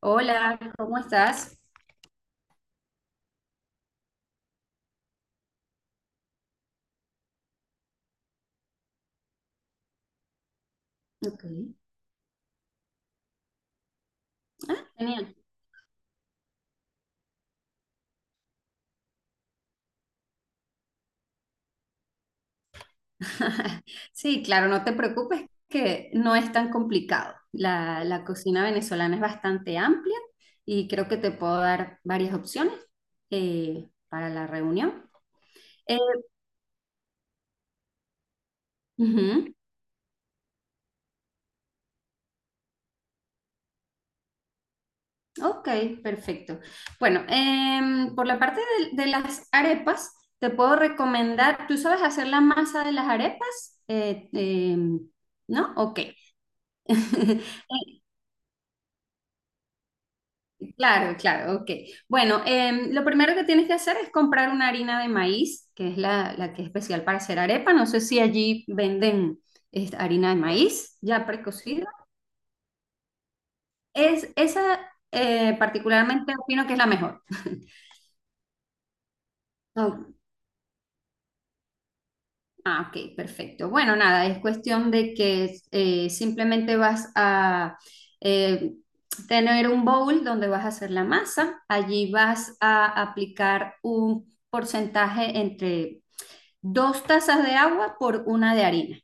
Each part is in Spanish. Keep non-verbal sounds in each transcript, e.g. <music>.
Hola, ¿cómo estás? Ok, genial. <laughs> Sí, claro, no te preocupes que no es tan complicado. La cocina venezolana es bastante amplia y creo que te puedo dar varias opciones para la reunión. Eh, ujú, ok, perfecto. Bueno, por la parte de las arepas, te puedo recomendar, ¿tú sabes hacer la masa de las arepas? ¿No? Ok. <laughs> Claro, claro, ok. Bueno, lo primero que tienes que hacer es comprar una harina de maíz, que es la que es especial para hacer arepa. No sé si allí venden esta harina de maíz ya precocida. Esa particularmente opino que es la mejor. Oh, ah, ok, perfecto. Bueno, nada, es cuestión de que simplemente vas a eh, tener un bowl donde vas a hacer la masa. Allí vas a aplicar un porcentaje entre 2 tazas de agua por una de harina.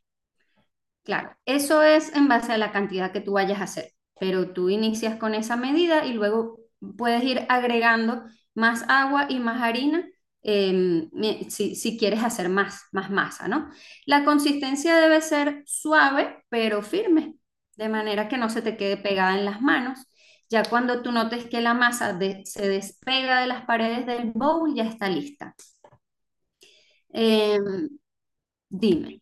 Claro, eso es en base a la cantidad que tú vayas a hacer, pero tú inicias con esa medida y luego puedes ir agregando más agua y más harina eh, si quieres hacer más, más masa, ¿no? La consistencia debe ser suave pero firme, de manera que no se te quede pegada en las manos. Ya cuando tú notes que la masa se despega de las paredes del bowl, ya está lista. Eh, dime.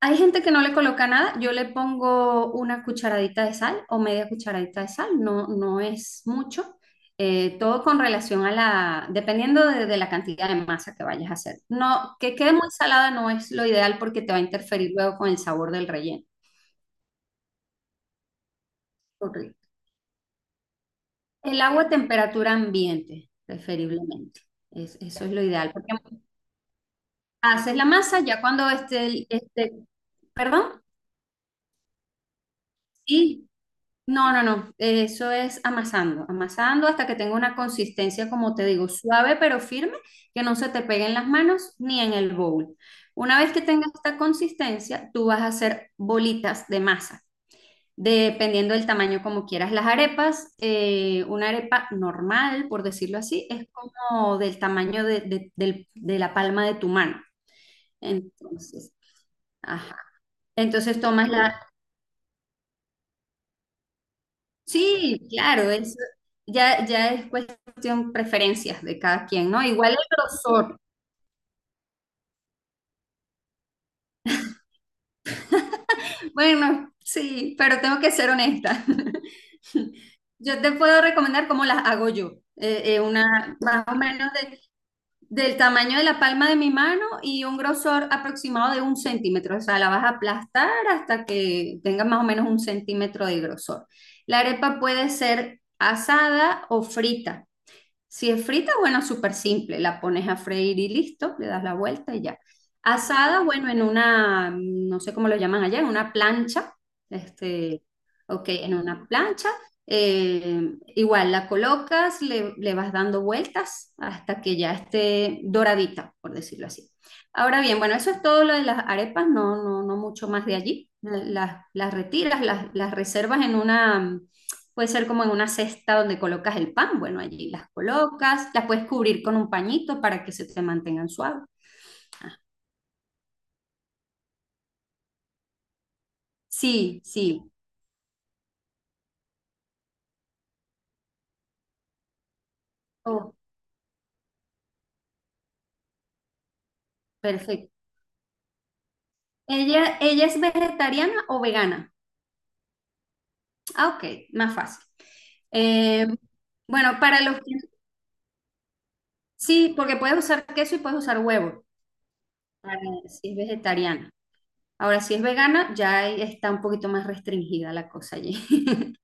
Hay gente que no le coloca nada, yo le pongo una cucharadita de sal o media cucharadita de sal, no, no es mucho. Todo con relación a la, dependiendo de la cantidad de masa que vayas a hacer. No, que quede muy salada no es lo ideal porque te va a interferir luego con el sabor del relleno. Correcto. El agua a temperatura ambiente, preferiblemente. Eso es lo ideal, porque haces la masa ya cuando esté, esté, perdón, sí. No, no, no, eso es amasando, amasando hasta que tenga una consistencia, como te digo, suave pero firme, que no se te pegue en las manos ni en el bowl. Una vez que tengas esta consistencia, tú vas a hacer bolitas de masa, dependiendo del tamaño como quieras. Las arepas, una arepa normal, por decirlo así, es como del tamaño de la palma de tu mano. Entonces, ajá. Entonces tomas la, sí, claro, es, ya, ya es cuestión preferencias de cada quien, ¿no? Igual el grosor. Bueno, sí, pero tengo que ser honesta. <laughs> Yo te puedo recomendar cómo las hago yo. Una más o menos del tamaño de la palma de mi mano y un grosor aproximado de un centímetro. O sea, la vas a aplastar hasta que tenga más o menos un centímetro de grosor. La arepa puede ser asada o frita. Si es frita, bueno, súper simple, la pones a freír y listo, le das la vuelta y ya. Asada, bueno, en una, no sé cómo lo llaman allá, en una plancha, este, ok, en una plancha, igual la colocas, le vas dando vueltas hasta que ya esté doradita, por decirlo así. Ahora bien, bueno, eso es todo lo de las arepas, no, no, no mucho más de allí. Las retiras, las reservas en una. Puede ser como en una cesta donde colocas el pan, bueno, allí las colocas, las puedes cubrir con un pañito para que se te mantengan suaves. Sí, sí. Oh, perfecto. ¿Ella es vegetariana o vegana? Ah, ok, más fácil. Eh, bueno, para los que... Sí, porque puedes usar queso y puedes usar huevo, para- si es vegetariana. Ahora, si es vegana, ya ahí está un poquito más restringida la cosa allí. <laughs>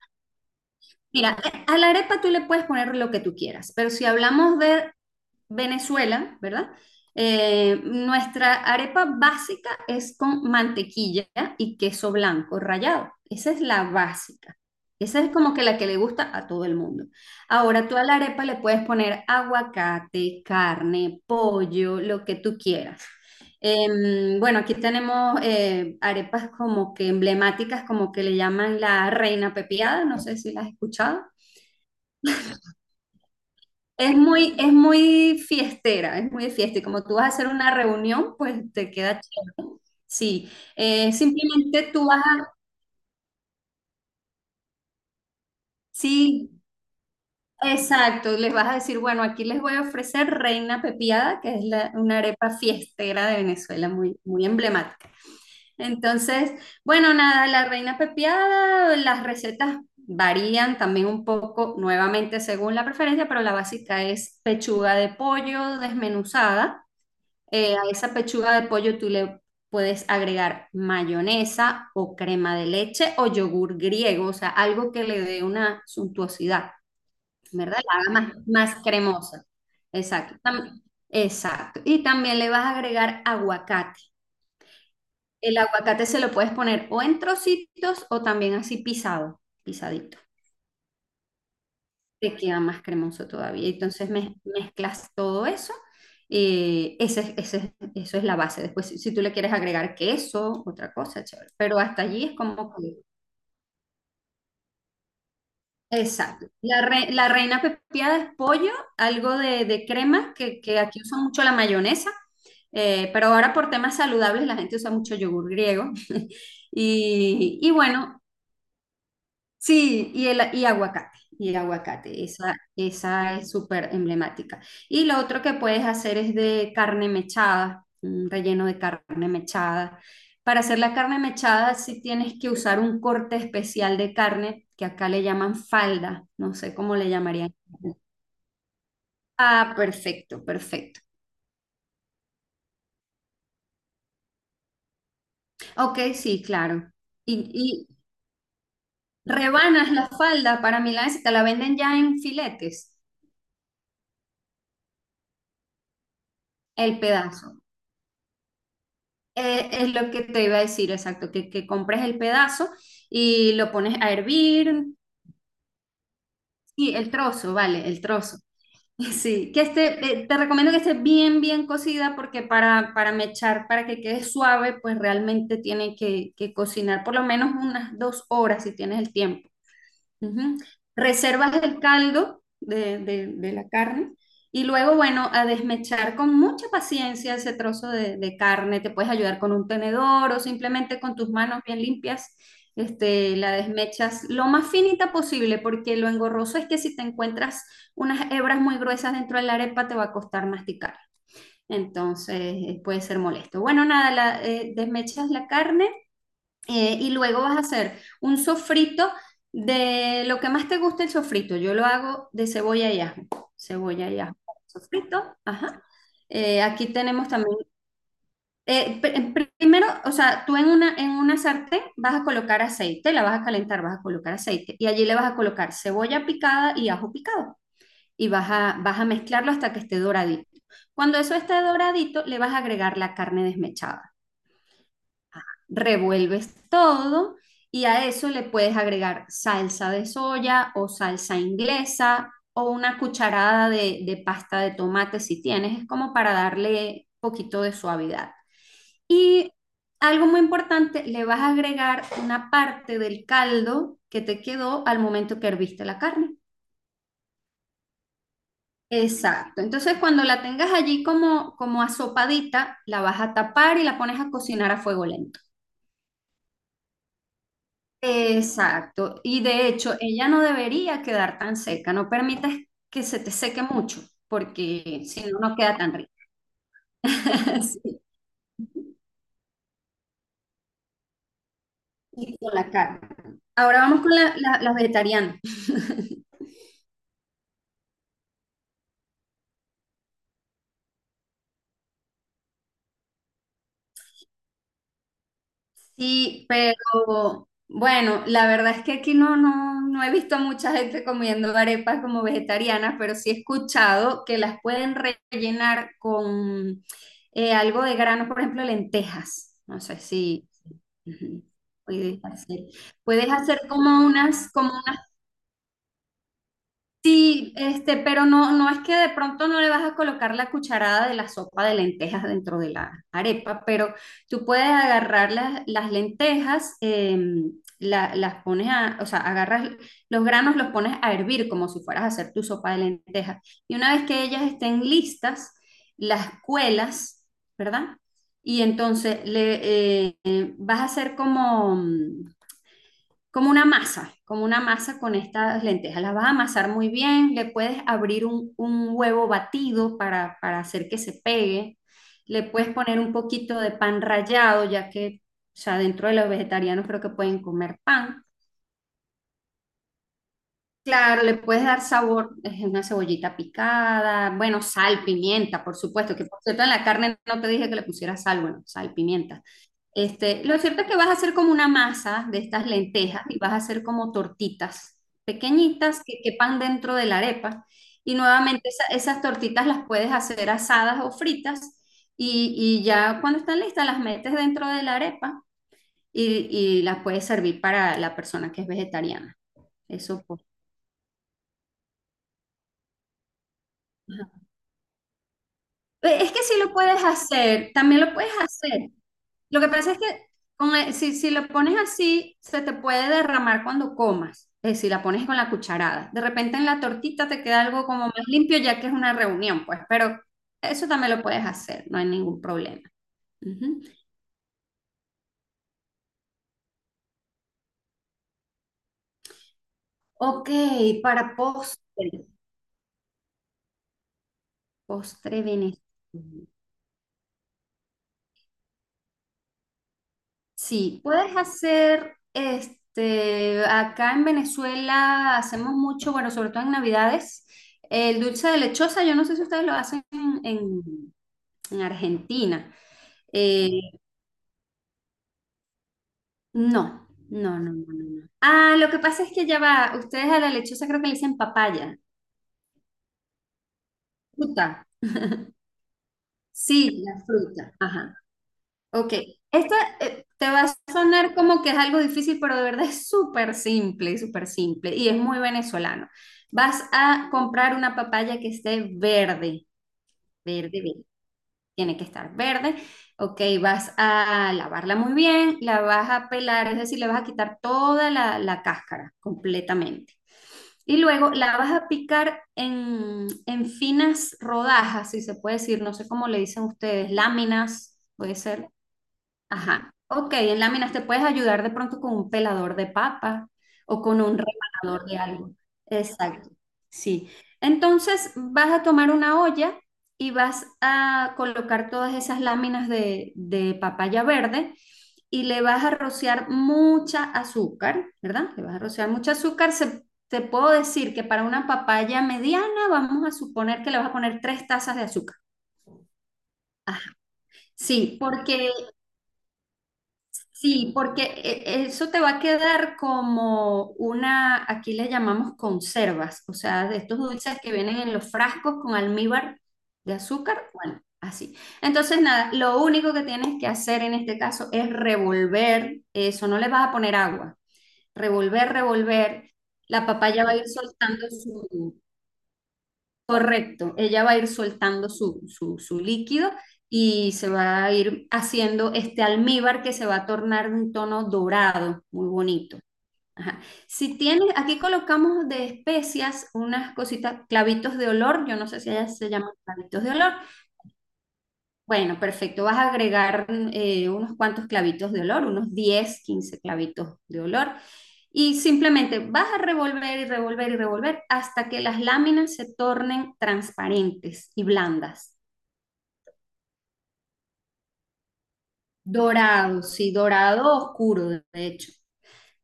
Mira, a la arepa tú le puedes poner lo que tú quieras, pero si hablamos de Venezuela, ¿verdad? Nuestra arepa básica es con mantequilla y queso blanco rallado. Esa es la básica. Esa es como que la que le gusta a todo el mundo. Ahora tú a la arepa le puedes poner aguacate, carne, pollo, lo que tú quieras. Bueno, aquí tenemos arepas como que emblemáticas, como que le llaman la reina pepiada, no sé si las has escuchado. Es muy fiestera, es muy de fiesta. Y como tú vas a hacer una reunión, pues te queda chévere. Sí, simplemente tú vas a, sí, exacto, les vas a decir, bueno, aquí les voy a ofrecer reina pepiada, que es una arepa fiestera de Venezuela, muy, muy emblemática. Entonces, bueno, nada, la reina pepiada, las recetas varían también un poco, nuevamente según la preferencia, pero la básica es pechuga de pollo desmenuzada. A esa pechuga de pollo tú le puedes agregar mayonesa o crema de leche o yogur griego, o sea, algo que le dé una suntuosidad, ¿verdad? La haga más, más cremosa. Exacto. Exacto. Y también le vas a agregar aguacate. El aguacate se lo puedes poner o en trocitos o también así pisado, pisadito. Te queda más cremoso todavía. Entonces mezclas todo eso. Eso es la base. Después, si, si tú le quieres agregar queso, otra cosa, chévere. Pero hasta allí es como que... Exacto. La reina pepiada es pollo, algo de crema, que aquí usan mucho la mayonesa, pero ahora por temas saludables la gente usa mucho yogur griego. <laughs> Y bueno, sí, y aguacate, y aguacate, esa es súper emblemática. Y lo otro que puedes hacer es de carne mechada, un relleno de carne mechada. Para hacer la carne mechada sí tienes que usar un corte especial de carne, que acá le llaman falda, no sé cómo le llamarían. Ah, perfecto, perfecto. Ok, sí, claro. Y rebanas la falda para milanesa, te la venden ya en filetes, el pedazo. Es lo que te iba a decir, exacto, que compres el pedazo y lo pones a hervir. Sí, el trozo, vale, el trozo. <laughs> Sí, que esté, te recomiendo que esté bien, bien cocida porque para mechar, para que quede suave, pues realmente tiene que cocinar por lo menos unas 2 horas si tienes el tiempo. Ujú. Reservas el caldo de la carne y luego, bueno, a desmechar con mucha paciencia ese trozo de carne. Te puedes ayudar con un tenedor o simplemente con tus manos bien limpias. Este, la desmechas lo más finita posible porque lo engorroso es que si te encuentras unas hebras muy gruesas dentro de la arepa te va a costar masticar. Entonces puede ser molesto. Bueno, nada, la, desmechas la carne y luego vas a hacer un sofrito de lo que más te guste el sofrito. Yo lo hago de cebolla y ajo. Cebolla y ajo. Sofrito, ajá. Aquí tenemos también, eh, primero, o sea, tú en una sartén vas a colocar aceite, la vas a calentar, vas a colocar aceite y allí le vas a colocar cebolla picada y ajo picado y vas a mezclarlo hasta que esté doradito. Cuando eso esté doradito, le vas a agregar la carne desmechada, revuelves todo y a eso le puedes agregar salsa de soya o salsa inglesa o una cucharada de pasta de tomate si tienes, es como para darle poquito de suavidad. Y algo muy importante, le vas a agregar una parte del caldo que te quedó al momento que herviste la carne. Exacto. Entonces, cuando la tengas allí como, asopadita, la vas a tapar y la pones a cocinar a fuego lento. Exacto. Y de hecho, ella no debería quedar tan seca. No permitas que se te seque mucho, porque si no, no queda tan rica. <laughs> Sí, y con la carne. Ahora vamos con las vegetarianas. Sí, pero bueno, la verdad es que aquí no, no, no he visto mucha gente comiendo arepas como vegetarianas, pero sí he escuchado que las pueden rellenar con algo de grano, por ejemplo, lentejas. No sé si ujú, puedes hacer. Puedes hacer como unas. Sí, este, pero no, no es que de pronto no le vas a colocar la cucharada de la sopa de lentejas dentro de la arepa, pero tú puedes agarrar las lentejas, las pones a, o sea, agarras los granos, los pones a hervir como si fueras a hacer tu sopa de lentejas. Y una vez que ellas estén listas, las cuelas, ¿verdad? Y entonces le vas a hacer como, una masa, como una masa con estas lentejas. Las vas a amasar muy bien, le puedes abrir un huevo batido para hacer que se pegue, le puedes poner un poquito de pan rallado, ya que, o sea, dentro de los vegetarianos creo que pueden comer pan. Claro, le puedes dar sabor, una cebollita picada, bueno, sal, pimienta, por supuesto, que por cierto en la carne no te dije que le pusieras sal, bueno, sal, pimienta. Este, lo cierto es que vas a hacer como una masa de estas lentejas y vas a hacer como tortitas pequeñitas que quepan dentro de la arepa. Y nuevamente esas tortitas las puedes hacer asadas o fritas y ya cuando están listas las metes dentro de la arepa y las puedes servir para la persona que es vegetariana. Eso pues. Es que sí lo puedes hacer, también lo puedes hacer. Lo que pasa es que si lo pones así, se te puede derramar cuando comas, si la pones con la cucharada. De repente en la tortita te queda algo como más limpio ya que es una reunión, pues, pero eso también lo puedes hacer, no hay ningún problema. Ujú. Ok, para postre, postre venezolano. Sí, puedes hacer, este, acá en Venezuela hacemos mucho, bueno, sobre todo en Navidades, el dulce de lechosa, yo no sé si ustedes lo hacen en, en Argentina. Eh, no, no, no, no, no. No. Ah, lo que pasa es que ya va, ustedes a la lechosa creo que le dicen papaya, fruta. Sí, la fruta, ajá. Ok, esta te va a sonar como que es algo difícil, pero de verdad es súper simple y es muy venezolano. Vas a comprar una papaya que esté verde, verde, verde. Tiene que estar verde. Ok, vas a lavarla muy bien, la vas a pelar, es decir, le vas a quitar toda la, la cáscara completamente. Y luego la vas a picar en, finas rodajas, si se puede decir, no sé cómo le dicen ustedes, láminas, puede ser. Ajá. Ok, en láminas te puedes ayudar de pronto con un pelador de papa o con un remanador de algo. Exacto. Sí. Entonces vas a tomar una olla y vas a colocar todas esas láminas de, papaya verde y le vas a rociar mucha azúcar, ¿verdad? Le vas a rociar mucha azúcar. Te puedo decir que para una papaya mediana vamos a suponer que le vas a poner 3 tazas de azúcar. Sí, porque Sí, porque eso te va a quedar como una, aquí le llamamos conservas, o sea, de estos dulces que vienen en los frascos con almíbar de azúcar, bueno, así. Entonces, nada, lo único que tienes que hacer en este caso es revolver eso, no le vas a poner agua, revolver, revolver, la papaya va a ir soltando. Correcto, ella va a ir soltando su líquido y se va a ir haciendo este almíbar que se va a tornar de un tono dorado, muy bonito. Ajá. Si tienes, aquí colocamos de especias unas cositas, clavitos de olor, yo no sé si ellas se llaman clavitos de olor, bueno, perfecto. Vas a agregar unos cuantos clavitos de olor, unos 10, 15 clavitos de olor. Y simplemente vas a revolver y revolver y revolver hasta que las láminas se tornen transparentes y blandas. Dorado, sí, dorado oscuro, de hecho.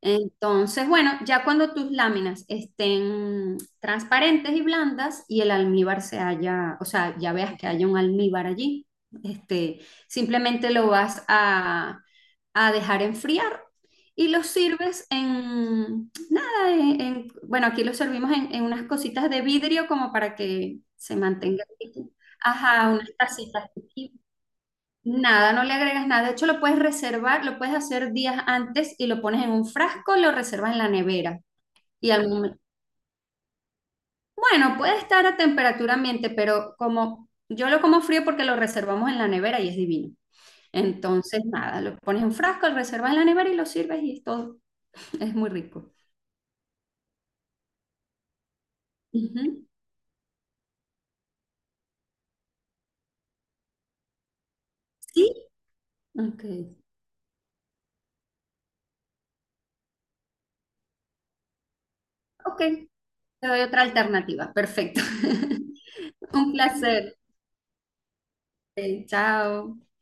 Entonces, bueno, ya cuando tus láminas estén transparentes y blandas y el almíbar se haya, o sea, ya veas que haya un almíbar allí, este, simplemente lo vas a dejar enfriar y lo sirves en, nada, en, bueno, aquí lo servimos en, unas cositas de vidrio como para que se mantenga. Ajá, unas tacitas. Nada, no le agregas nada. De hecho, lo puedes reservar, lo puedes hacer días antes y lo pones en un frasco, lo reservas en la nevera. Y al momento, bueno, puede estar a temperatura ambiente, pero como yo lo como frío porque lo reservamos en la nevera y es divino. Entonces, nada, lo pones en un frasco, lo reservas en la nevera y lo sirves y es todo. Es muy rico. Ujú. Sí, ok. Ok, te doy otra alternativa. Perfecto. <laughs> Un placer. Ok, chao.